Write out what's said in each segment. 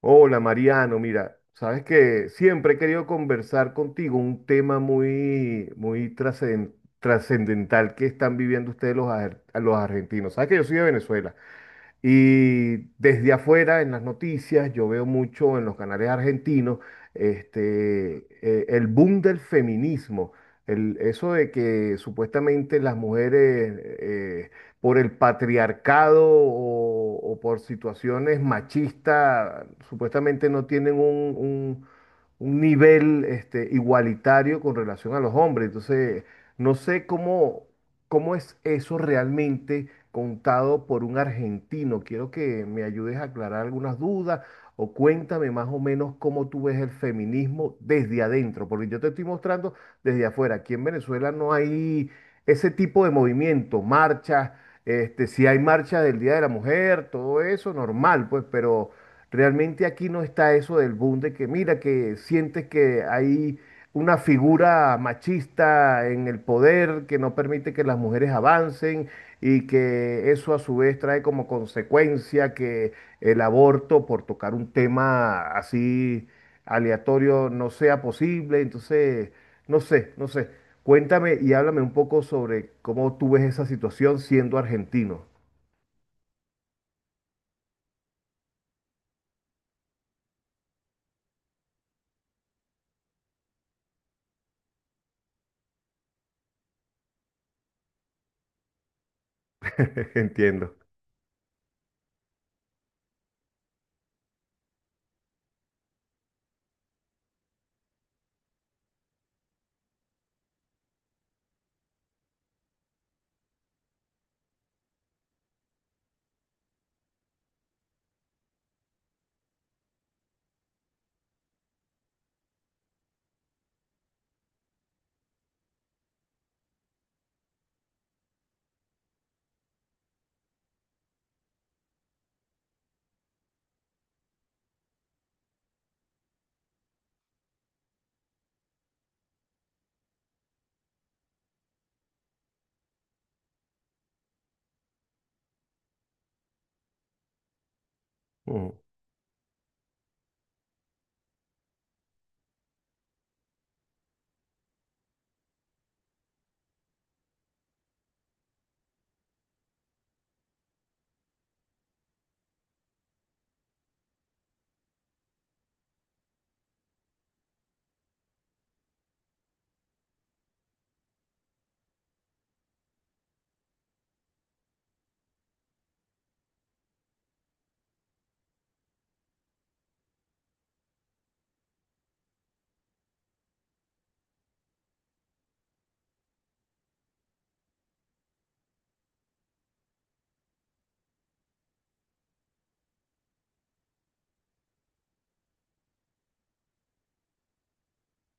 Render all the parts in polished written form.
Hola Mariano, mira, sabes que siempre he querido conversar contigo un tema muy, muy trascendental que están viviendo ustedes los argentinos. Sabes que yo soy de Venezuela. Y desde afuera, en las noticias, yo veo mucho en los canales argentinos el boom del feminismo. Eso de que supuestamente las mujeres, por el patriarcado o por situaciones machistas, supuestamente no tienen un nivel igualitario con relación a los hombres. Entonces, no sé cómo, cómo es eso realmente contado por un argentino. Quiero que me ayudes a aclarar algunas dudas o cuéntame más o menos cómo tú ves el feminismo desde adentro, porque yo te estoy mostrando desde afuera. Aquí en Venezuela no hay ese tipo de movimiento, marchas, si hay marcha del Día de la Mujer, todo eso normal, pues, pero realmente aquí no está eso del boom de que mira, que sientes que hay una figura machista en el poder que no permite que las mujeres avancen y que eso a su vez trae como consecuencia que el aborto, por tocar un tema así aleatorio, no sea posible. Entonces, no sé, no sé. Cuéntame y háblame un poco sobre cómo tú ves esa situación siendo argentino. Entiendo. Mm.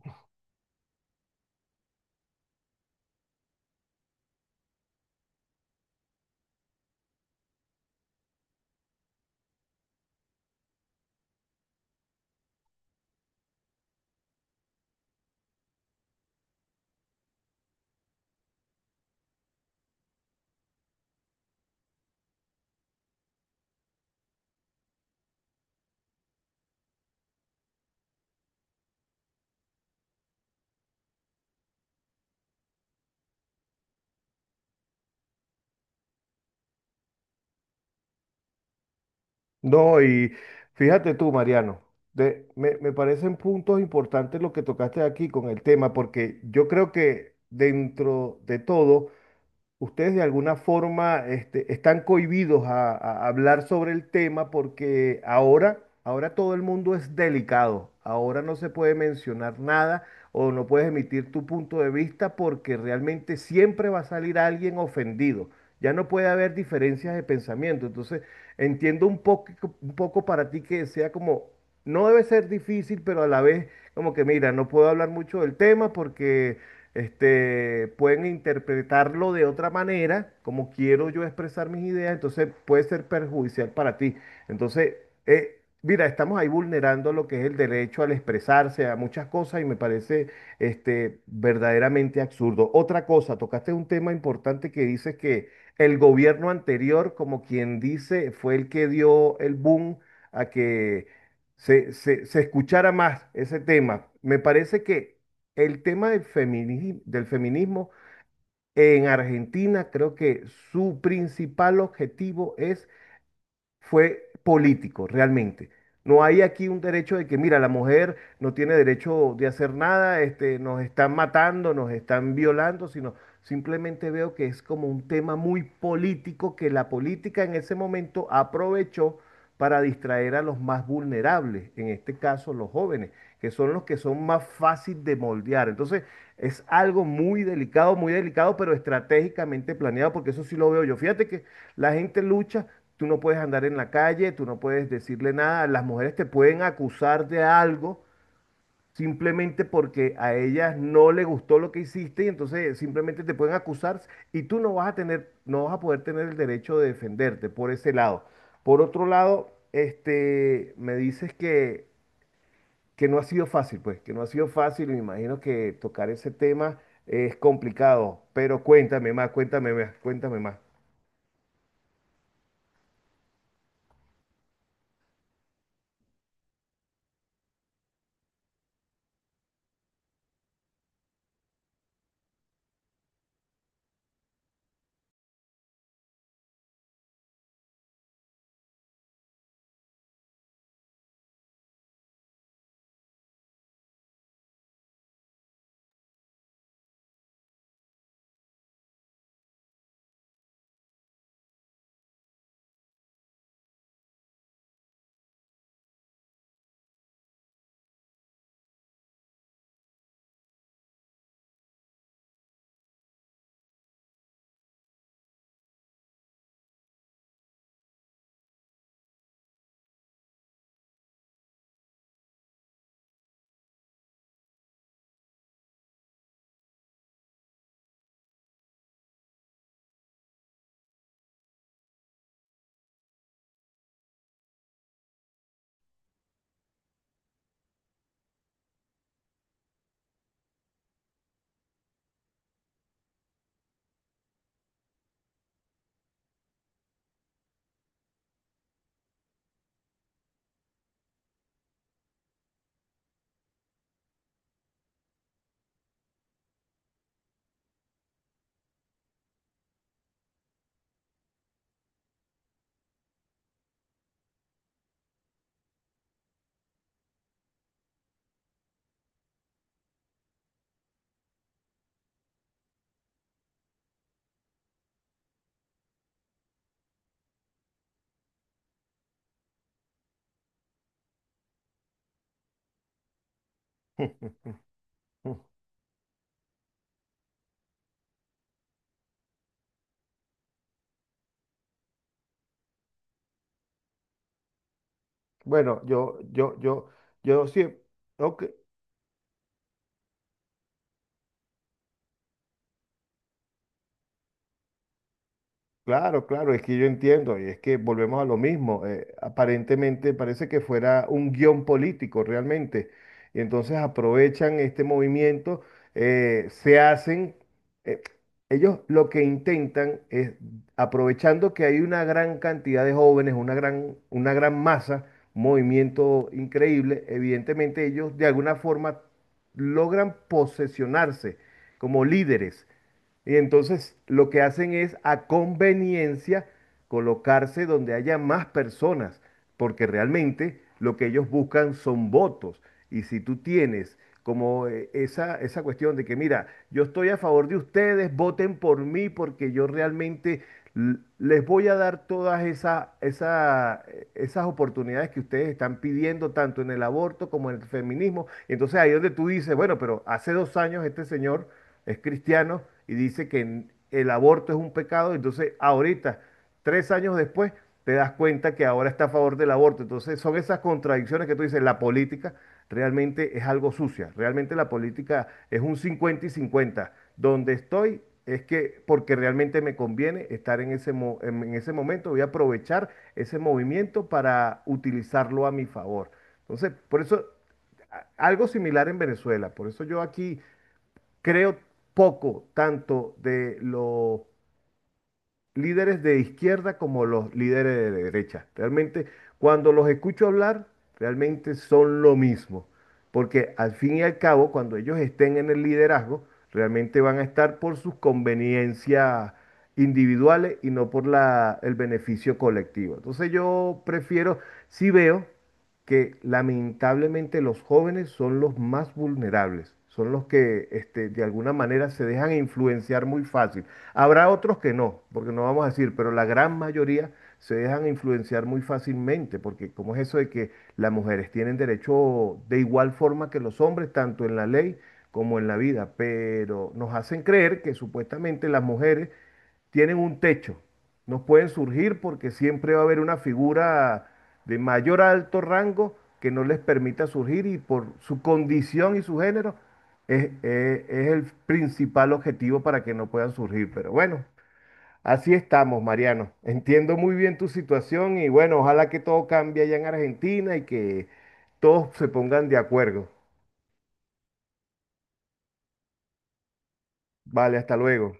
No, y fíjate tú, Mariano, me, me parecen puntos importantes lo que tocaste aquí con el tema, porque yo creo que dentro de todo ustedes de alguna forma están cohibidos a hablar sobre el tema porque ahora, ahora todo el mundo es delicado, ahora no se puede mencionar nada o no puedes emitir tu punto de vista porque realmente siempre va a salir alguien ofendido. Ya no puede haber diferencias de pensamiento. Entonces, entiendo un poco para ti que sea como, no debe ser difícil, pero a la vez como que, mira, no puedo hablar mucho del tema porque pueden interpretarlo de otra manera, como quiero yo expresar mis ideas, entonces puede ser perjudicial para ti. Entonces, mira, estamos ahí vulnerando lo que es el derecho al expresarse a muchas cosas y me parece verdaderamente absurdo. Otra cosa, tocaste un tema importante que dices que el gobierno anterior, como quien dice, fue el que dio el boom a que se escuchara más ese tema. Me parece que el tema del feminismo en Argentina creo que su principal objetivo es, fue político, realmente. No hay aquí un derecho de que, mira, la mujer no tiene derecho de hacer nada, nos están matando, nos están violando, sino simplemente veo que es como un tema muy político que la política en ese momento aprovechó para distraer a los más vulnerables, en este caso los jóvenes, que son los que son más fácil de moldear. Entonces, es algo muy delicado, pero estratégicamente planeado, porque eso sí lo veo yo. Fíjate que la gente lucha, tú no puedes andar en la calle, tú no puedes decirle nada, las mujeres te pueden acusar de algo simplemente porque a ellas no le gustó lo que hiciste y entonces simplemente te pueden acusar y tú no vas a tener, no vas a poder tener el derecho de defenderte por ese lado. Por otro lado, me dices que no ha sido fácil, pues, que no ha sido fácil y me imagino que tocar ese tema es complicado, pero cuéntame más, cuéntame más, cuéntame más. Bueno, yo sí, ok. Claro, claro, es que yo entiendo, y es que volvemos a lo mismo. Eh, aparentemente parece que fuera un guión político realmente. Y entonces aprovechan este movimiento, se hacen, eh, ellos lo que intentan es, aprovechando que hay una gran cantidad de jóvenes, una gran masa, un movimiento increíble, evidentemente ellos de alguna forma logran posesionarse como líderes. Y entonces lo que hacen es a conveniencia colocarse donde haya más personas, porque realmente lo que ellos buscan son votos. Y si tú tienes como esa, esa cuestión de que, mira, yo estoy a favor de ustedes, voten por mí porque yo realmente les voy a dar todas esas oportunidades que ustedes están pidiendo, tanto en el aborto como en el feminismo. Entonces ahí es donde tú dices, bueno, pero hace 2 años este señor es cristiano y dice que el aborto es un pecado, entonces ahorita, 3 años después, te das cuenta que ahora está a favor del aborto. Entonces son esas contradicciones que tú dices, la política realmente es algo sucia, realmente la política es un 50 y cincuenta. Donde estoy es que porque realmente me conviene estar en ese, en ese momento, voy a aprovechar ese movimiento para utilizarlo a mi favor. Entonces, por eso, algo similar en Venezuela, por eso yo aquí creo poco tanto de los líderes de izquierda como los líderes de derecha. Realmente, cuando los escucho hablar, realmente son lo mismo. Porque al fin y al cabo, cuando ellos estén en el liderazgo, realmente van a estar por sus conveniencias individuales y no por el beneficio colectivo. Entonces yo prefiero, si veo que lamentablemente los jóvenes son los más vulnerables, son los que de alguna manera se dejan influenciar muy fácil. Habrá otros que no, porque no vamos a decir, pero la gran mayoría se dejan influenciar muy fácilmente, porque como es eso de que las mujeres tienen derecho de igual forma que los hombres, tanto en la ley como en la vida, pero nos hacen creer que supuestamente las mujeres tienen un techo nos pueden surgir porque siempre va a haber una figura de mayor a alto rango que no les permita surgir y por su condición y su género es, es el principal objetivo para que no puedan surgir. Pero bueno, así estamos, Mariano. Entiendo muy bien tu situación y bueno, ojalá que todo cambie allá en Argentina y que todos se pongan de acuerdo. Vale, hasta luego.